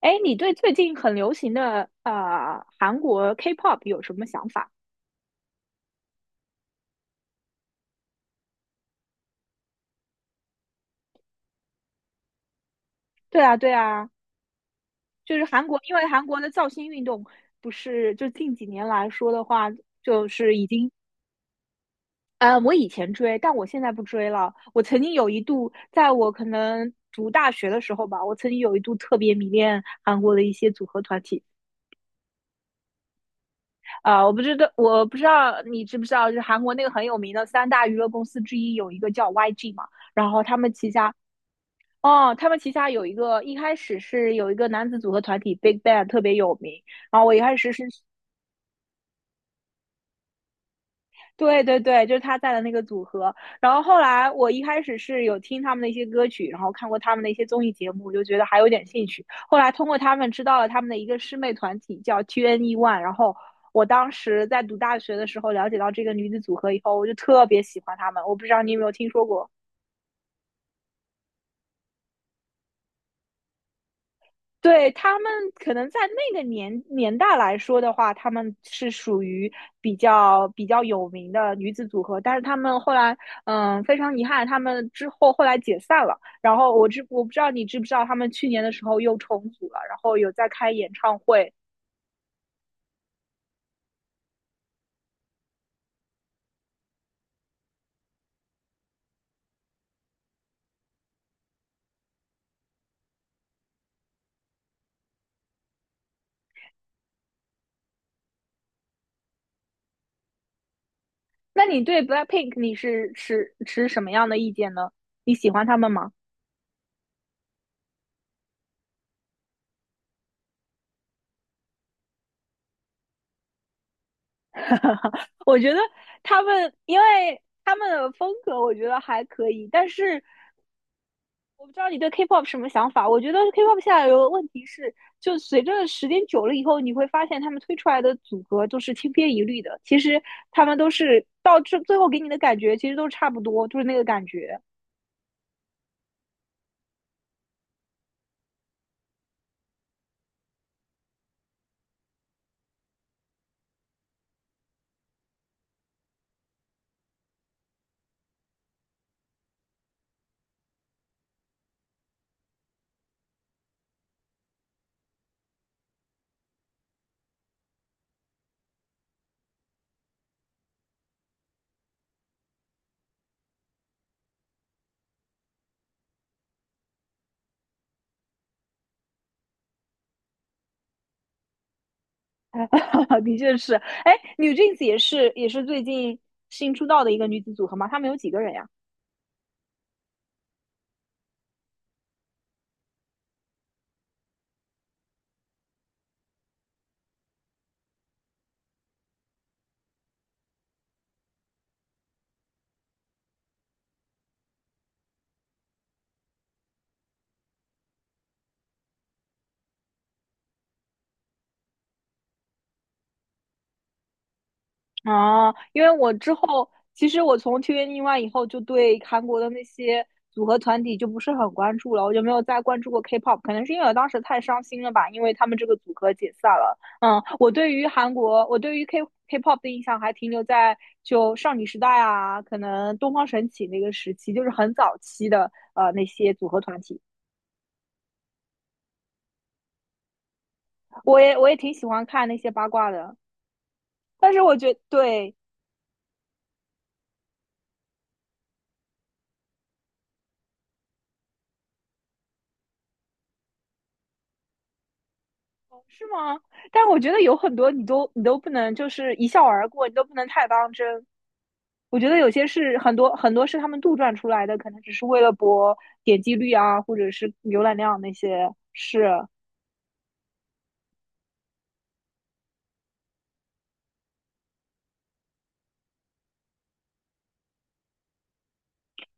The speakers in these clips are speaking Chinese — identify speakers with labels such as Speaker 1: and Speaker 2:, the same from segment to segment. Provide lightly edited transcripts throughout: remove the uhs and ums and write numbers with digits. Speaker 1: 哎，你对最近很流行的韩国 K-pop 有什么想法？对啊，对啊，就是韩国，因为韩国的造星运动不是就近几年来说的话，就是已经。我以前追，但我现在不追了。我曾经有一度，在我可能读大学的时候吧，我曾经有一度特别迷恋韩国的一些组合团体。啊、我不知道你知不知道，就是韩国那个很有名的三大娱乐公司之一有一个叫 YG 嘛。然后他们旗下哦，他们旗下有一个，一开始是有一个男子组合团体 Big Bang 特别有名，然后我一开始是，对对对，就是他在的那个组合，然后后来我一开始是有听他们的一些歌曲，然后看过他们的一些综艺节目，就觉得还有点兴趣，后来通过他们知道了他们的一个师妹团体叫 TNE One，然后我当时在读大学的时候了解到这个女子组合以后，我就特别喜欢她们，我不知道你有没有听说过。对，他们可能在那个年代来说的话，他们是属于比较有名的女子组合，但是他们后来，嗯，非常遗憾，他们之后后来解散了。然后我不知道你知不知道，他们去年的时候又重组了，然后有在开演唱会。那你对 BLACKPINK 你是持什么样的意见呢？你喜欢他们吗？我觉得他们，因为他们的风格我觉得还可以，但是我不知道你对 K-pop 什么想法？我觉得 K-pop 现在有个问题是，就随着时间久了以后，你会发现他们推出来的组合都是千篇一律的。其实他们都是到最后给你的感觉，其实都差不多，就是那个感觉。的确是，哎，NewJeans 也是最近新出道的一个女子组合嘛，他们有几个人呀？啊，因为我之后，其实我从 TVNE 以后，就对韩国的那些组合团体就不是很关注了，我就没有再关注过 K-pop，可能是因为我当时太伤心了吧，因为他们这个组合解散了。嗯，我对于韩国，我对于 K-pop 的印象还停留在就少女时代啊，可能东方神起那个时期，就是很早期的那些组合团体，我也挺喜欢看那些八卦的，但是我觉对。是吗？但我觉得有很多你都不能就是一笑而过，你都不能太当真。我觉得有些是很多很多是他们杜撰出来的，可能只是为了博点击率啊，或者是浏览量那些是。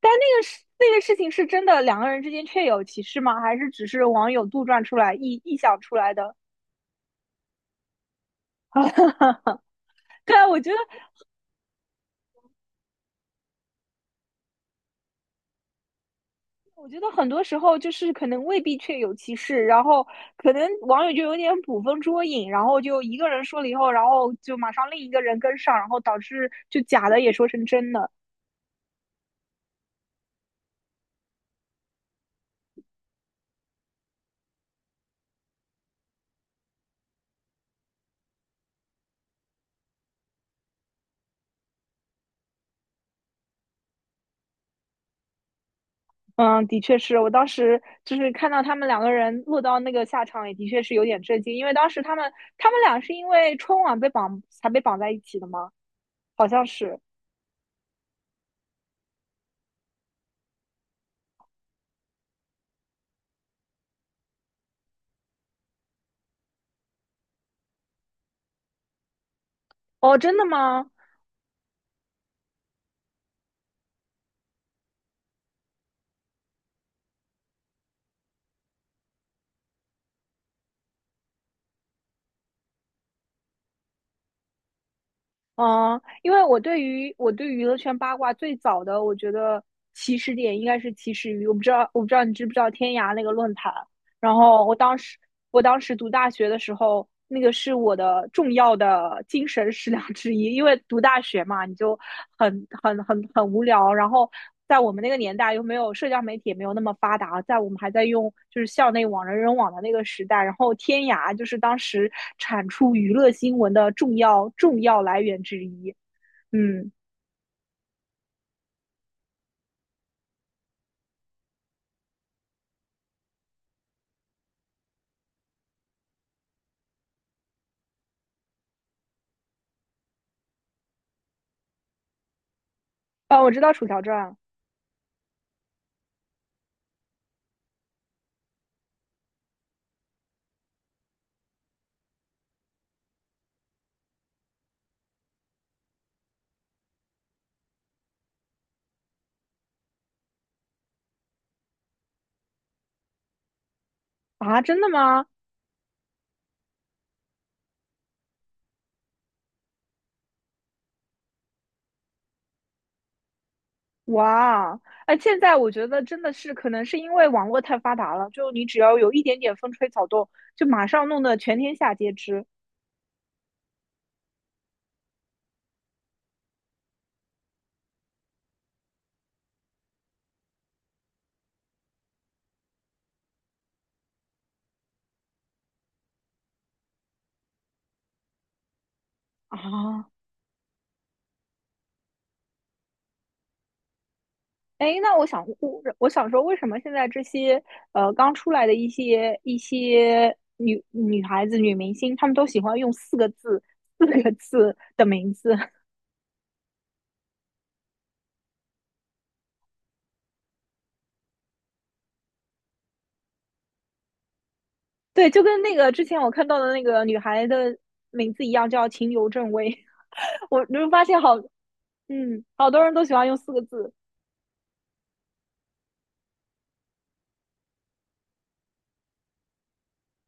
Speaker 1: 但那个事那个事情是真的，两个人之间确有其事吗？还是只是网友杜撰出来、臆想出来的？对啊，我觉得很多时候就是可能未必确有其事，然后可能网友就有点捕风捉影，然后就一个人说了以后，然后就马上另一个人跟上，然后导致就假的也说成真的。嗯，的确是我当时就是看到他们两个人落到那个下场，也的确是有点震惊，因为当时他们俩是因为春晚被绑才被绑在一起的吗？好像是。哦，真的吗？嗯，因为我对于我对娱乐圈八卦最早的，我觉得起始点应该是起始于我不知道你知不知道天涯那个论坛，然后我当时读大学的时候，那个是我的重要的精神食粮之一，因为读大学嘛，你就很无聊。然后在我们那个年代，又没有社交媒体，也没有那么发达，在我们还在用就是校内网、人人网的那个时代，然后天涯就是当时产出娱乐新闻的重要来源之一。嗯，啊，我知道《楚乔传》啊，真的吗？哇，哎，现在我觉得真的是，可能是因为网络太发达了，就你只要有一点点风吹草动，就马上弄得全天下皆知啊。哎，那我想，我想说，为什么现在这些刚出来的一些女孩子、女明星，她们都喜欢用四个字、的名字？对，就跟那个之前我看到的那个女孩的名字一样，叫秦由正威。我你会发现好，嗯，好多人都喜欢用四个字。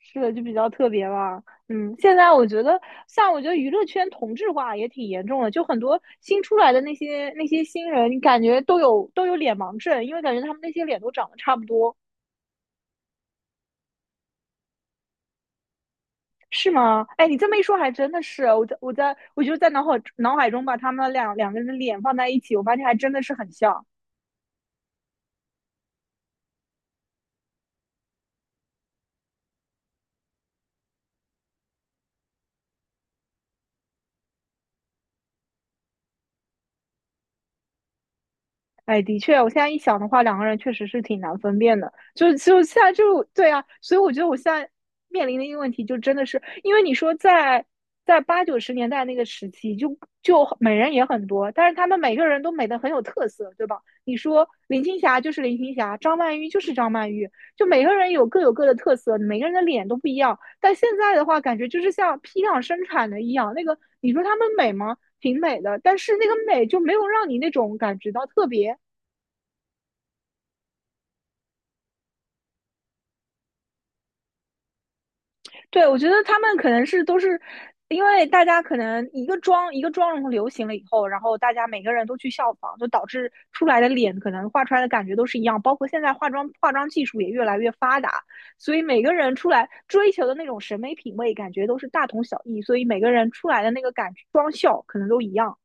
Speaker 1: 是的，就比较特别吧。嗯，现在我觉得，像我觉得娱乐圈同质化也挺严重的，就很多新出来的那些新人，你感觉都有脸盲症，因为感觉他们那些脸都长得差不多，是吗？哎，你这么一说，还真的是。我就在脑海中把他们两个人的脸放在一起，我发现还真的是很像。哎，的确，我现在一想的话，两个人确实是挺难分辨的。就现在就对啊，所以我觉得我现在面临的一个问题，就真的是因为你说在八九十年代那个时期就，就美人也很多，但是他们每个人都美得很有特色，对吧？你说林青霞就是林青霞，张曼玉就是张曼玉，就每个人有各有各的特色，每个人的脸都不一样。但现在的话，感觉就是像批量生产的一样，那个你说他们美吗？挺美的，但是那个美就没有让你那种感觉到特别。对，我觉得他们可能是都是因为大家可能一个妆一个妆容流行了以后，然后大家每个人都去效仿，就导致出来的脸可能画出来的感觉都是一样。包括现在化妆技术也越来越发达，所以每个人出来追求的那种审美品味，感觉都是大同小异。所以每个人出来的那个感觉妆效可能都一样。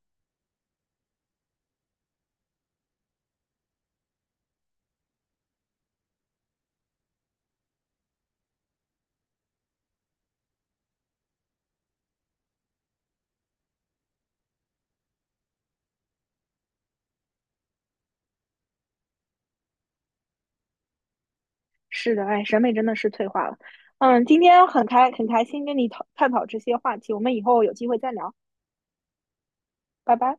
Speaker 1: 是的，哎，审美真的是退化了。嗯，今天很开心跟你探讨这些话题，我们以后有机会再聊，拜拜。